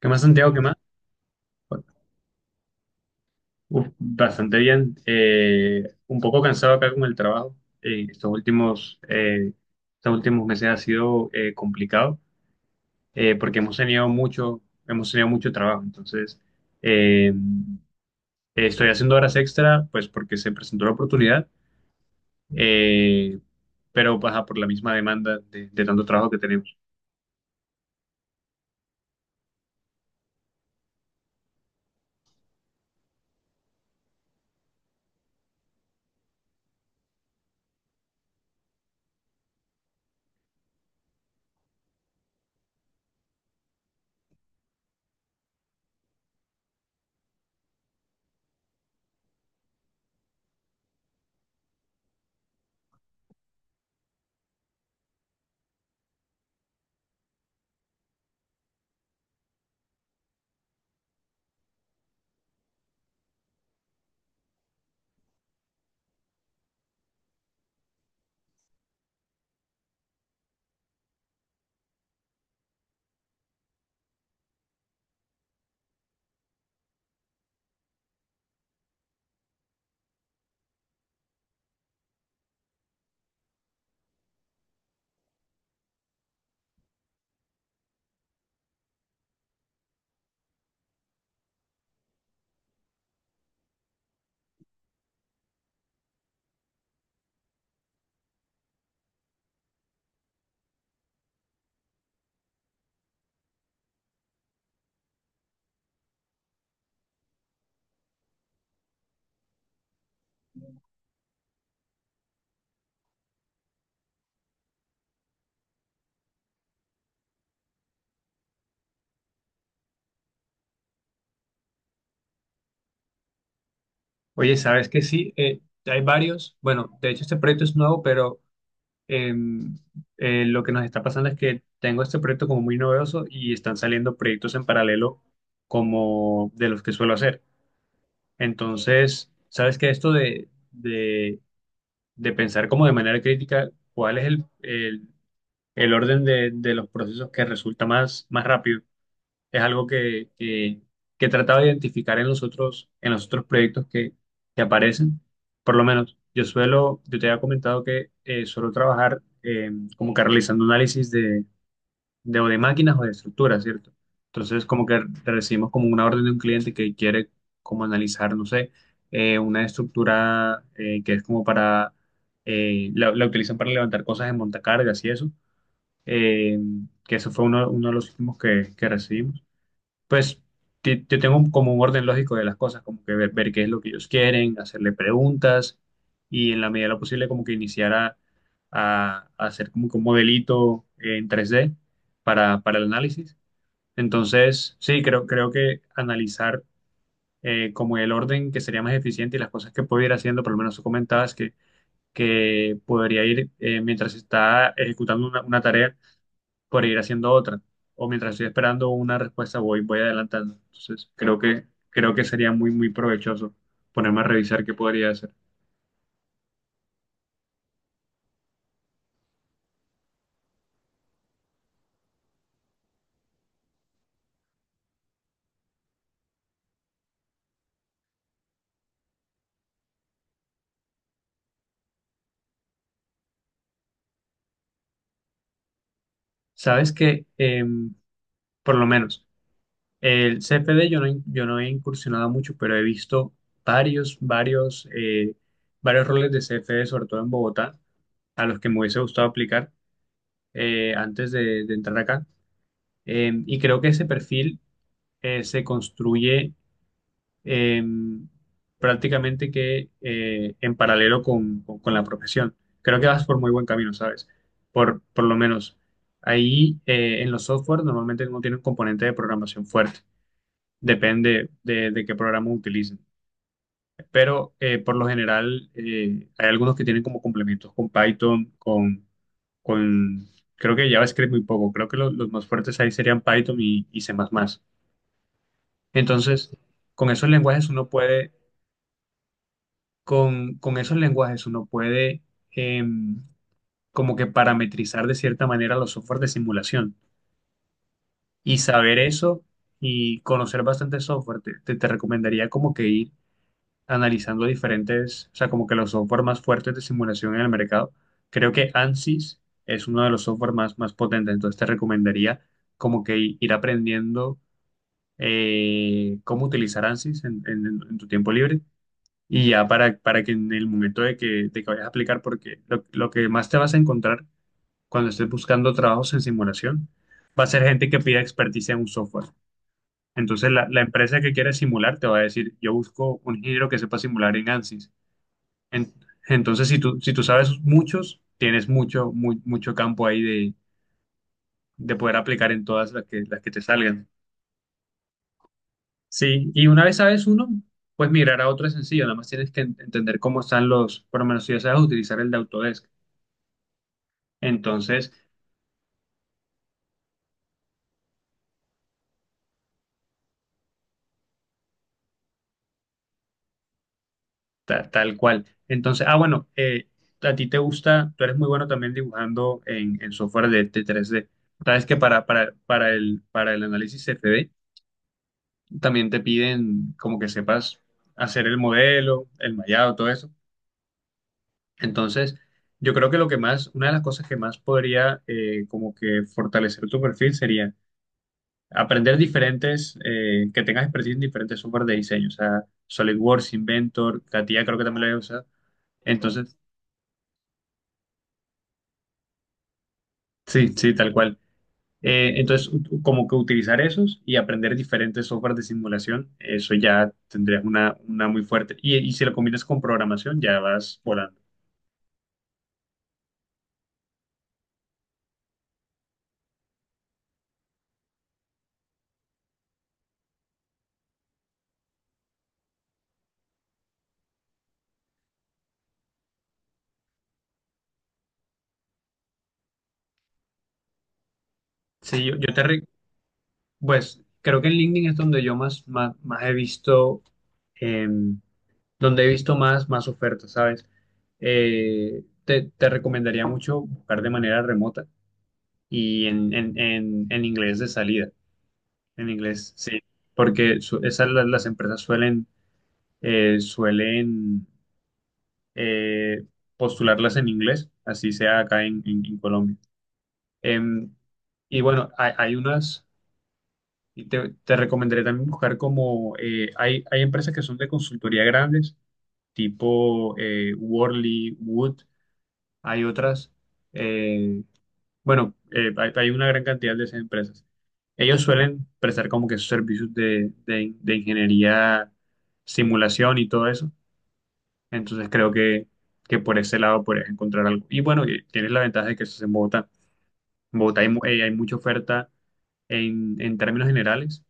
¿Qué más, Santiago? ¿Qué más? Uf, bastante bien. Un poco cansado acá con el trabajo. Eh, estos últimos, eh, Estos últimos meses ha sido complicado porque hemos tenido mucho trabajo. Entonces, eh, estoy haciendo horas extra, pues porque se presentó la oportunidad, eh, pero baja por la misma demanda de tanto trabajo que tenemos. Oye, ¿sabes que sí? Hay varios. Bueno, de hecho este proyecto es nuevo, pero em, lo que nos está pasando es que tengo este proyecto como muy novedoso y están saliendo proyectos en paralelo como de los que suelo hacer. Entonces, sabes que de pensar como de manera crítica, cuál es el orden de los procesos que resulta más rápido es algo que he tratado de identificar en los otros proyectos que aparecen. Por lo menos, yo te había comentado que suelo trabajar como que realizando análisis o de máquinas o de estructuras, ¿cierto? Entonces, como que recibimos como una orden de un cliente que quiere como analizar, no sé, una estructura que es como para, la utilizan para levantar cosas en montacargas y eso. Eh, que eso fue uno, uno de los últimos que recibimos. Pues yo tengo como un orden lógico de las cosas, como que ver qué es lo que ellos quieren, hacerle preguntas y en la medida de lo posible como que iniciar a hacer como que un modelito en 3D para el análisis. Entonces, sí, creo que analizar como el orden que sería más eficiente y las cosas que puedo ir haciendo. Por lo menos tú comentabas que podría ir mientras está ejecutando una tarea por ir haciendo otra. O mientras estoy esperando una respuesta, voy adelantando. Entonces, creo que sería muy provechoso ponerme a revisar qué podría hacer. Sabes que, por lo menos, el CFD yo no he incursionado mucho, pero he visto varios, varios, eh, varios roles de CFD, sobre todo en Bogotá, a los que me hubiese gustado aplicar antes de entrar acá. Y creo que ese perfil se construye eh, prácticamente que en paralelo con la profesión. Creo que vas por muy buen camino, ¿sabes? Por lo menos ahí en los software normalmente no tienen componente de programación fuerte. Depende de qué programa utilicen. Pero por lo general hay algunos que tienen como complementos con Python, con creo que JavaScript muy poco. Creo que los más fuertes ahí serían Python y C++. Entonces, con esos lenguajes uno puede con esos lenguajes uno puede em, como que parametrizar de cierta manera los software de simulación. Y saber eso y conocer bastante software, te recomendaría como que ir analizando diferentes, o sea, como que los software más fuertes de simulación en el mercado. Creo que ANSYS es uno de los software más potentes, entonces te recomendaría como que ir aprendiendo cómo utilizar ANSYS en tu tiempo libre y ya para que en el momento de que vayas a aplicar, porque lo que más te vas a encontrar cuando estés buscando trabajos en simulación va a ser gente que pida experticia en un software. Entonces, la empresa que quiere simular te va a decir, yo busco un ingeniero que sepa simular en ANSYS. En- entonces, si tú sabes muchos, mucho campo ahí de poder aplicar en todas las que te salgan. Sí, y una vez sabes uno, pues migrar a otro es sencillo, nada más tienes que entender cómo están los, por lo menos si ya sabes utilizar el de Autodesk. Entonces, tal cual. Entonces, ah, bueno, a ti te gusta, tú eres muy bueno también dibujando en software de 3D. Sabes que para el análisis CFD también te piden como que sepas hacer el modelo, el mallado, todo eso. Entonces, yo creo que lo que más, una de las cosas que más podría como que fortalecer tu perfil sería aprender diferentes, que tengas expertise en diferentes software de diseño, o sea, SolidWorks, Inventor, Katia creo que también lo he usado. Entonces, sí, sí, tal cual. Entonces, como que utilizar esos y aprender diferentes softwares de simulación, eso ya tendrías una muy fuerte. Y si lo combinas con programación, ya vas volando. Sí, yo te... Pues creo que en LinkedIn es donde yo más he visto, em, donde he visto más ofertas, ¿sabes? Te, te recomendaría mucho buscar de manera remota y en inglés de salida, en inglés, sí, porque esas las empresas suelen eh, suelen eh, postularlas en inglés, así sea acá en, en Colombia. Em, y bueno, hay unas, y te recomendaré también buscar como, hay empresas que son de consultoría grandes, tipo Worley, Wood, hay otras, eh, bueno, hay una gran cantidad de esas empresas. Ellos suelen prestar como que sus servicios de ingeniería, simulación y todo eso. Entonces creo que por ese lado podrías encontrar algo. Y bueno, y tienes la ventaja de que eso es en Bogotá. En Bogotá hay mucha oferta en términos generales,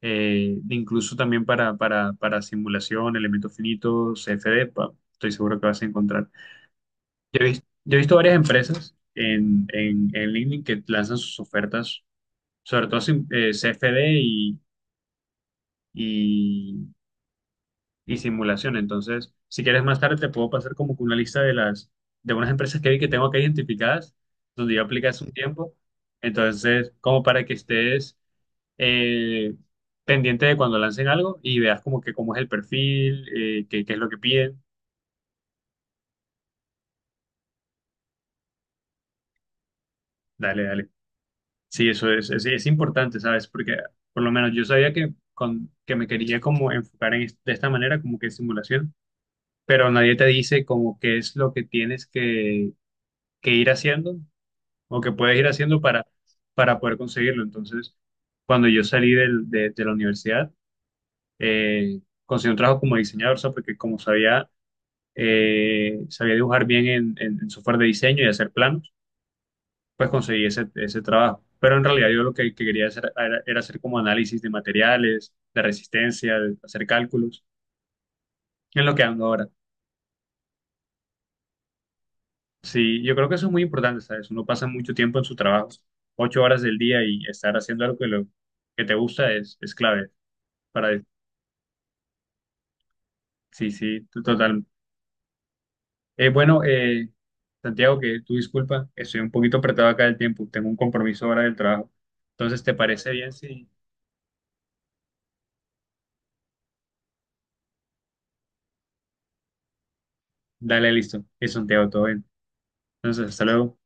incluso también para simulación, elementos finitos, CFD, pa- estoy seguro que vas a encontrar. Yo he visto varias empresas en, en LinkedIn que lanzan sus ofertas, sobre todo CFD y, y simulación. Entonces, si quieres más tarde, te puedo pasar como que una lista de las, de unas empresas que vi que tengo acá identificadas, donde yo apliqué hace un tiempo. Entonces, como para que estés eh, pendiente de cuando lancen algo y veas como que cómo es el perfil, qué es lo que piden. Dale, dale. Sí, eso es importante, ¿sabes? Porque por lo menos yo sabía que, con, que me quería como enfocar en, de esta manera, como que simulación, pero nadie te dice como qué es lo que tienes que ir haciendo o que puedes ir haciendo para poder conseguirlo. Entonces, cuando yo salí de la universidad, conseguí un trabajo como diseñador, o sea, porque como sabía, sabía dibujar bien en, en software de diseño y hacer planos, pues conseguí ese trabajo. Pero en realidad yo que quería hacer era, era hacer como análisis de materiales, de resistencia, de hacer cálculos, en lo que ando ahora. Sí, yo creo que eso es muy importante, ¿sabes? Uno pasa mucho tiempo en su trabajo, 8 horas del día, y estar haciendo algo que te gusta es clave. Para, sí, sí, total. Bueno, Santiago, que tú disculpa, estoy un poquito apretado acá del tiempo, tengo un compromiso ahora del trabajo. Entonces, ¿te parece bien? Sí. Dale, listo. Es Santiago, todo bien. Entonces, hasta luego.